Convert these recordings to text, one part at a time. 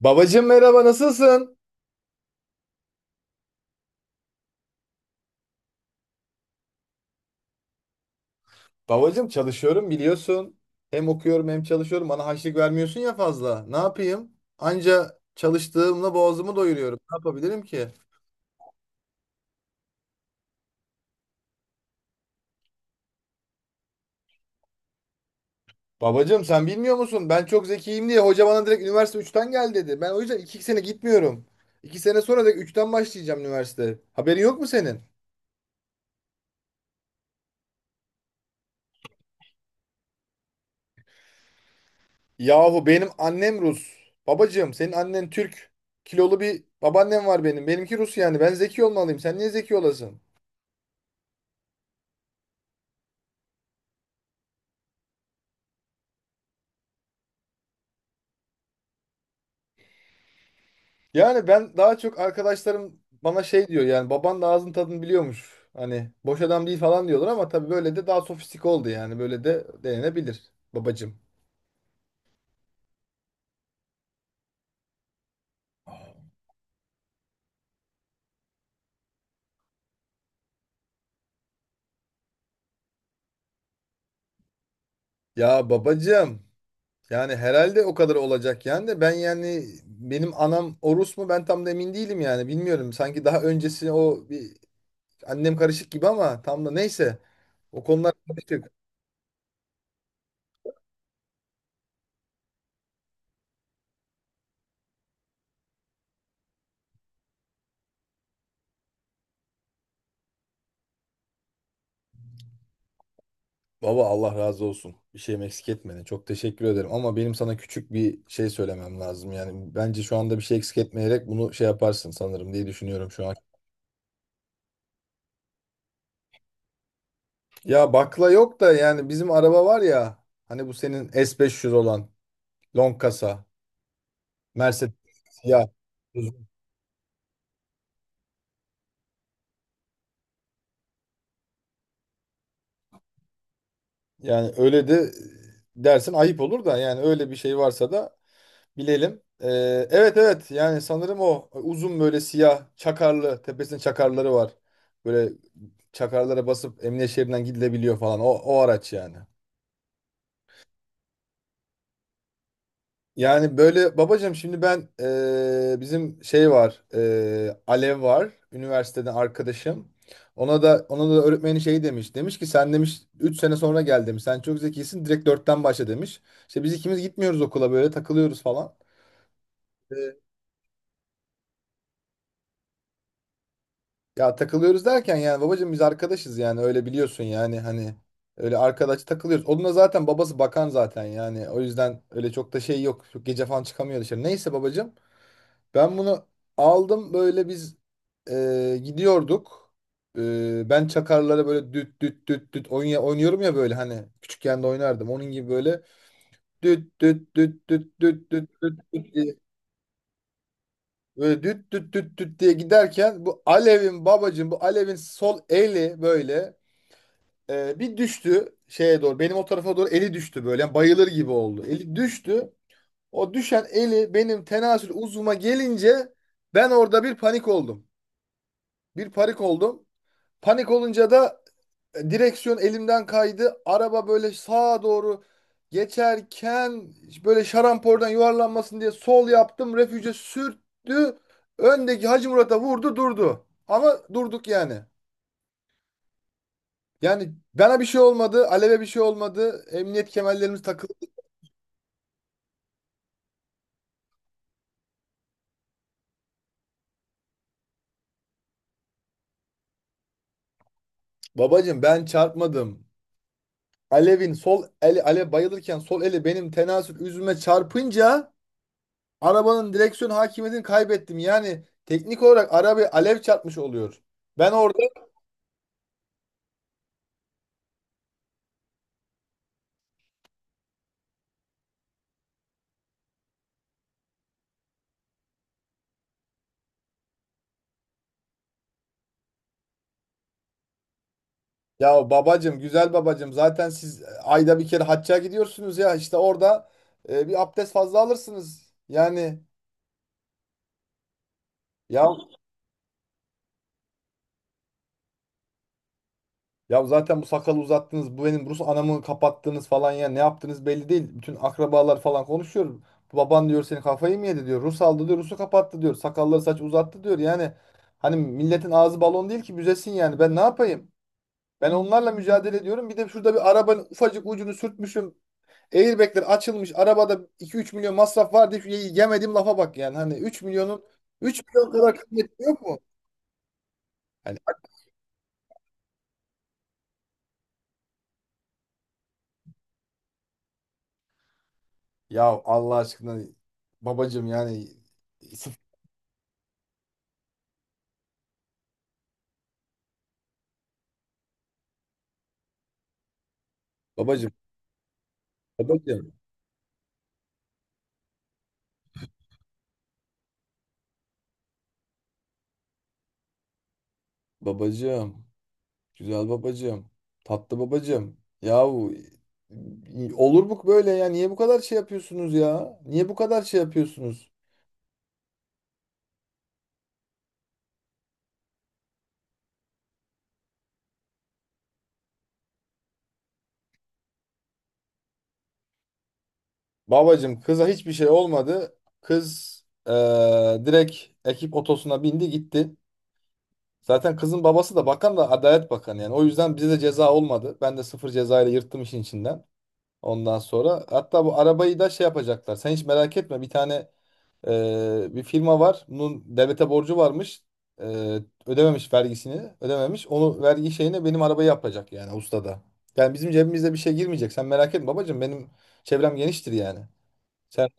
Babacım merhaba nasılsın? Babacım çalışıyorum biliyorsun. Hem okuyorum hem çalışıyorum. Bana harçlık vermiyorsun ya fazla. Ne yapayım? Anca çalıştığımla boğazımı doyuruyorum. Ne yapabilirim ki? Babacım sen bilmiyor musun? Ben çok zekiyim diye hoca bana direkt üniversite üçten gel dedi. Ben o yüzden 2 sene gitmiyorum. 2 sene sonra da üçten başlayacağım üniversite. Haberin yok mu senin? Yahu benim annem Rus. Babacım senin annen Türk. Kilolu bir babaannem var benim. Benimki Rus yani. Ben zeki olmalıyım. Sen niye zeki olasın? Yani ben daha çok arkadaşlarım bana şey diyor, yani baban da ağzın tadını biliyormuş. Hani boş adam değil falan diyorlar ama tabii böyle de daha sofistik oldu yani. Böyle de denenebilir babacım. Ya babacım, yani herhalde o kadar olacak yani, de ben yani benim anam o Rus mu ben tam da emin değilim yani, bilmiyorum. Sanki daha öncesi o bir annem karışık gibi, ama tam da neyse, o konular karışık. Baba, Allah razı olsun. Bir şeyim eksik etmedin. Çok teşekkür ederim. Ama benim sana küçük bir şey söylemem lazım. Yani bence şu anda bir şey eksik etmeyerek bunu şey yaparsın sanırım diye düşünüyorum şu an. Ya bakla yok da yani bizim araba var ya. Hani bu senin S500 olan long kasa Mercedes, ya yani öyle de dersin ayıp olur da, yani öyle bir şey varsa da bilelim. Evet evet, yani sanırım o uzun böyle siyah çakarlı, tepesinde çakarları var. Böyle çakarlara basıp emniyet şeridinden gidilebiliyor falan o araç yani. Yani böyle babacığım şimdi ben, bizim şey var, Alev var üniversiteden arkadaşım. Ona da öğretmeni şey demiş. Demiş ki sen demiş 3 sene sonra gel demiş. Sen çok zekisin, direkt dörtten başla demiş. İşte biz ikimiz gitmiyoruz okula, böyle takılıyoruz falan. Ee, Ya takılıyoruz derken yani babacığım, biz arkadaşız yani, öyle biliyorsun yani hani, öyle arkadaş takılıyoruz. Onun da zaten babası bakan zaten yani, o yüzden öyle çok da şey yok. Çok gece falan çıkamıyor dışarı. Neyse babacığım, ben bunu aldım, böyle biz gidiyorduk. Ben çakarlara böyle düt düt düt düt oynay oynuyorum ya, böyle hani küçükken de oynardım. Onun gibi böyle düt düt düt düt düt düt düt düt diye, böyle düt düt düt düt diye giderken, bu Alev'in babacığım, bu Alev'in sol eli böyle bir düştü şeye doğru. Benim o tarafa doğru eli düştü böyle. Yani bayılır gibi oldu. Eli düştü. O düşen eli benim tenasül uzvuma gelince ben orada bir panik oldum. Bir panik oldum. Panik olunca da direksiyon elimden kaydı. Araba böyle sağa doğru geçerken, böyle şarampolden yuvarlanmasın diye sol yaptım. Refüje sürttü. Öndeki Hacı Murat'a vurdu durdu. Ama durduk yani. Yani bana bir şey olmadı, Alev'e bir şey olmadı. Emniyet kemerlerimiz takıldı. Babacım ben çarpmadım. Alev'in sol eli, Alev bayılırken sol eli benim tenasül üzüme çarpınca arabanın direksiyon hakimiyetini kaybettim. Yani teknik olarak arabayı Alev çarpmış oluyor. Ben orada, ya babacım, güzel babacım, zaten siz ayda bir kere hacca gidiyorsunuz ya, işte orada bir abdest fazla alırsınız yani. Ya Ya zaten bu sakalı uzattınız, bu benim Rus anamı kapattınız falan, ya ne yaptınız belli değil. Bütün akrabalar falan konuşuyor. Baban diyor, senin kafayı mı yedi diyor. Rus aldı diyor, Rus'u kapattı diyor. Sakalları saç uzattı diyor. Yani hani milletin ağzı balon değil ki büzesin yani. Ben ne yapayım? Ben onlarla mücadele ediyorum. Bir de şurada bir arabanın ufacık ucunu sürtmüşüm. Airbag'ler açılmış. Arabada iki üç milyon masraf var diye şu yemediğim lafa bak yani. Hani 3 milyonun 3 milyon kadar kıymeti yok mu? Yani ya Allah aşkına babacığım yani. Babacım, babacım, babacım, güzel babacım, tatlı babacım. Yahu olur bu böyle ya? Niye bu kadar şey yapıyorsunuz ya? Niye bu kadar şey yapıyorsunuz? Babacım kıza hiçbir şey olmadı. Kız direkt ekip otosuna bindi gitti. Zaten kızın babası da bakan da Adalet Bakanı yani. O yüzden bize de ceza olmadı. Ben de sıfır cezayla yırttım işin içinden. Ondan sonra hatta bu arabayı da şey yapacaklar. Sen hiç merak etme, bir tane bir firma var. Bunun devlete borcu varmış. Ee, Ödememiş vergisini. Ödememiş. Onu vergi şeyine benim arabayı yapacak yani ustada. Yani bizim cebimizde bir şey girmeyecek. Sen merak etme babacığım. Benim çevrem geniştir yani. Sen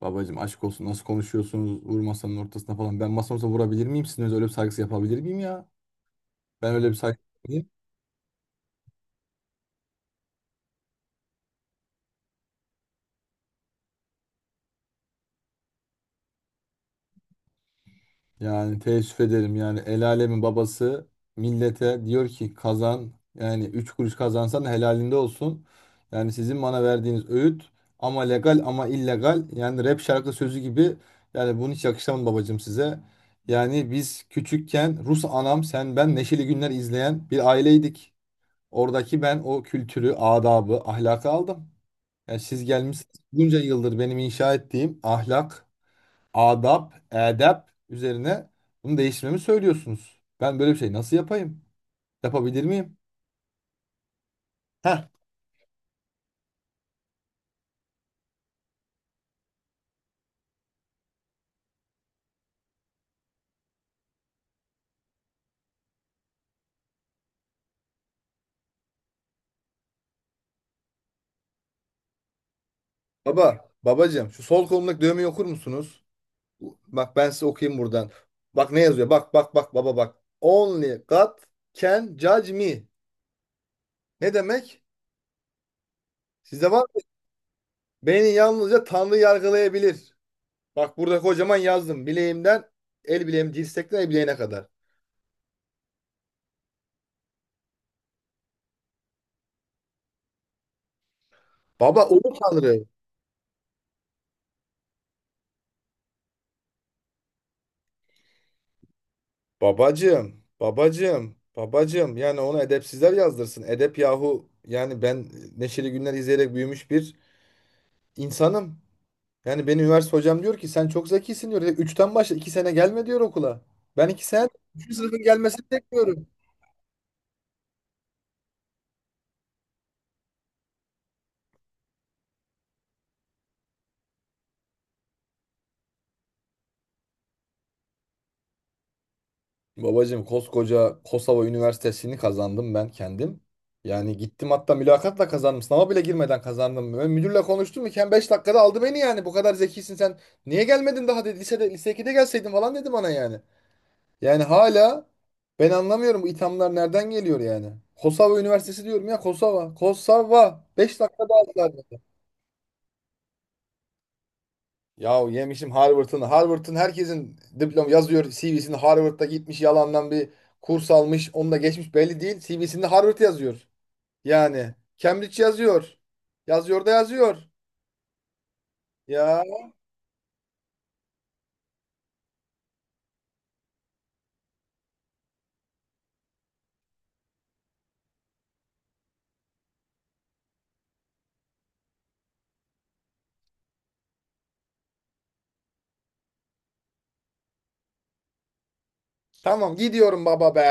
babacım aşk olsun, nasıl konuşuyorsunuz, vur masanın ortasına falan. Ben masamıza vurabilir miyim? Sizin öyle bir saygısı yapabilir miyim ya? Ben öyle bir saygı. Yani teessüf ederim, yani el alemin babası millete diyor ki kazan, yani 3 kuruş kazansan da helalinde olsun. Yani sizin bana verdiğiniz öğüt, ama legal ama illegal, yani rap şarkı sözü gibi, yani bunu hiç yakışamam babacığım size. Yani biz küçükken Rus anam, sen, ben Neşeli Günler izleyen bir aileydik. Oradaki ben o kültürü, adabı, ahlakı aldım. Yani siz gelmişsiniz bunca yıldır benim inşa ettiğim ahlak, adap, edep üzerine bunu değiştirmemi söylüyorsunuz. Ben böyle bir şey nasıl yapayım? Yapabilir miyim? Heh, baba, babacığım şu sol kolumdaki dövmeyi okur musunuz? Bak ben size okuyayım buradan. Bak ne yazıyor? Bak bak bak baba bak. Only God can judge me. Ne demek? Sizde var mı? Beni yalnızca Tanrı yargılayabilir. Bak burada kocaman yazdım. Bileğimden, el bileğim dirsekten el bileğine kadar. Baba o mu Tanrı? Babacım, babacım, babacım. Yani onu edepsizler yazdırsın. Edep yahu. Yani ben Neşeli Günler izleyerek büyümüş bir insanım. Yani benim üniversite hocam diyor ki sen çok zekisin diyor. Üçten başla, iki sene gelme diyor okula. Ben iki sene üçüncü sınıfın gelmesini bekliyorum. Babacım koskoca Kosova Üniversitesi'ni kazandım ben kendim. Yani gittim hatta mülakatla kazandım. Sınava bile girmeden kazandım. Ben müdürle konuştum iken 5 dakikada aldı beni yani. Bu kadar zekisin sen. Niye gelmedin daha dedi. Lisede, lise 2'de gelseydin falan dedi bana yani. Yani hala ben anlamıyorum bu ithamlar nereden geliyor yani. Kosova Üniversitesi diyorum ya, Kosova. Kosova. Beş dakika daha azlardı. Yahu yemişim Harvard'ın. Harvard'ın, herkesin diplom yazıyor CV'sinde, Harvard'da gitmiş yalandan bir kurs almış. Onu da geçmiş belli değil. CV'sinde Harvard yazıyor. Yani Cambridge yazıyor. Yazıyor da yazıyor. Ya tamam, gidiyorum baba be.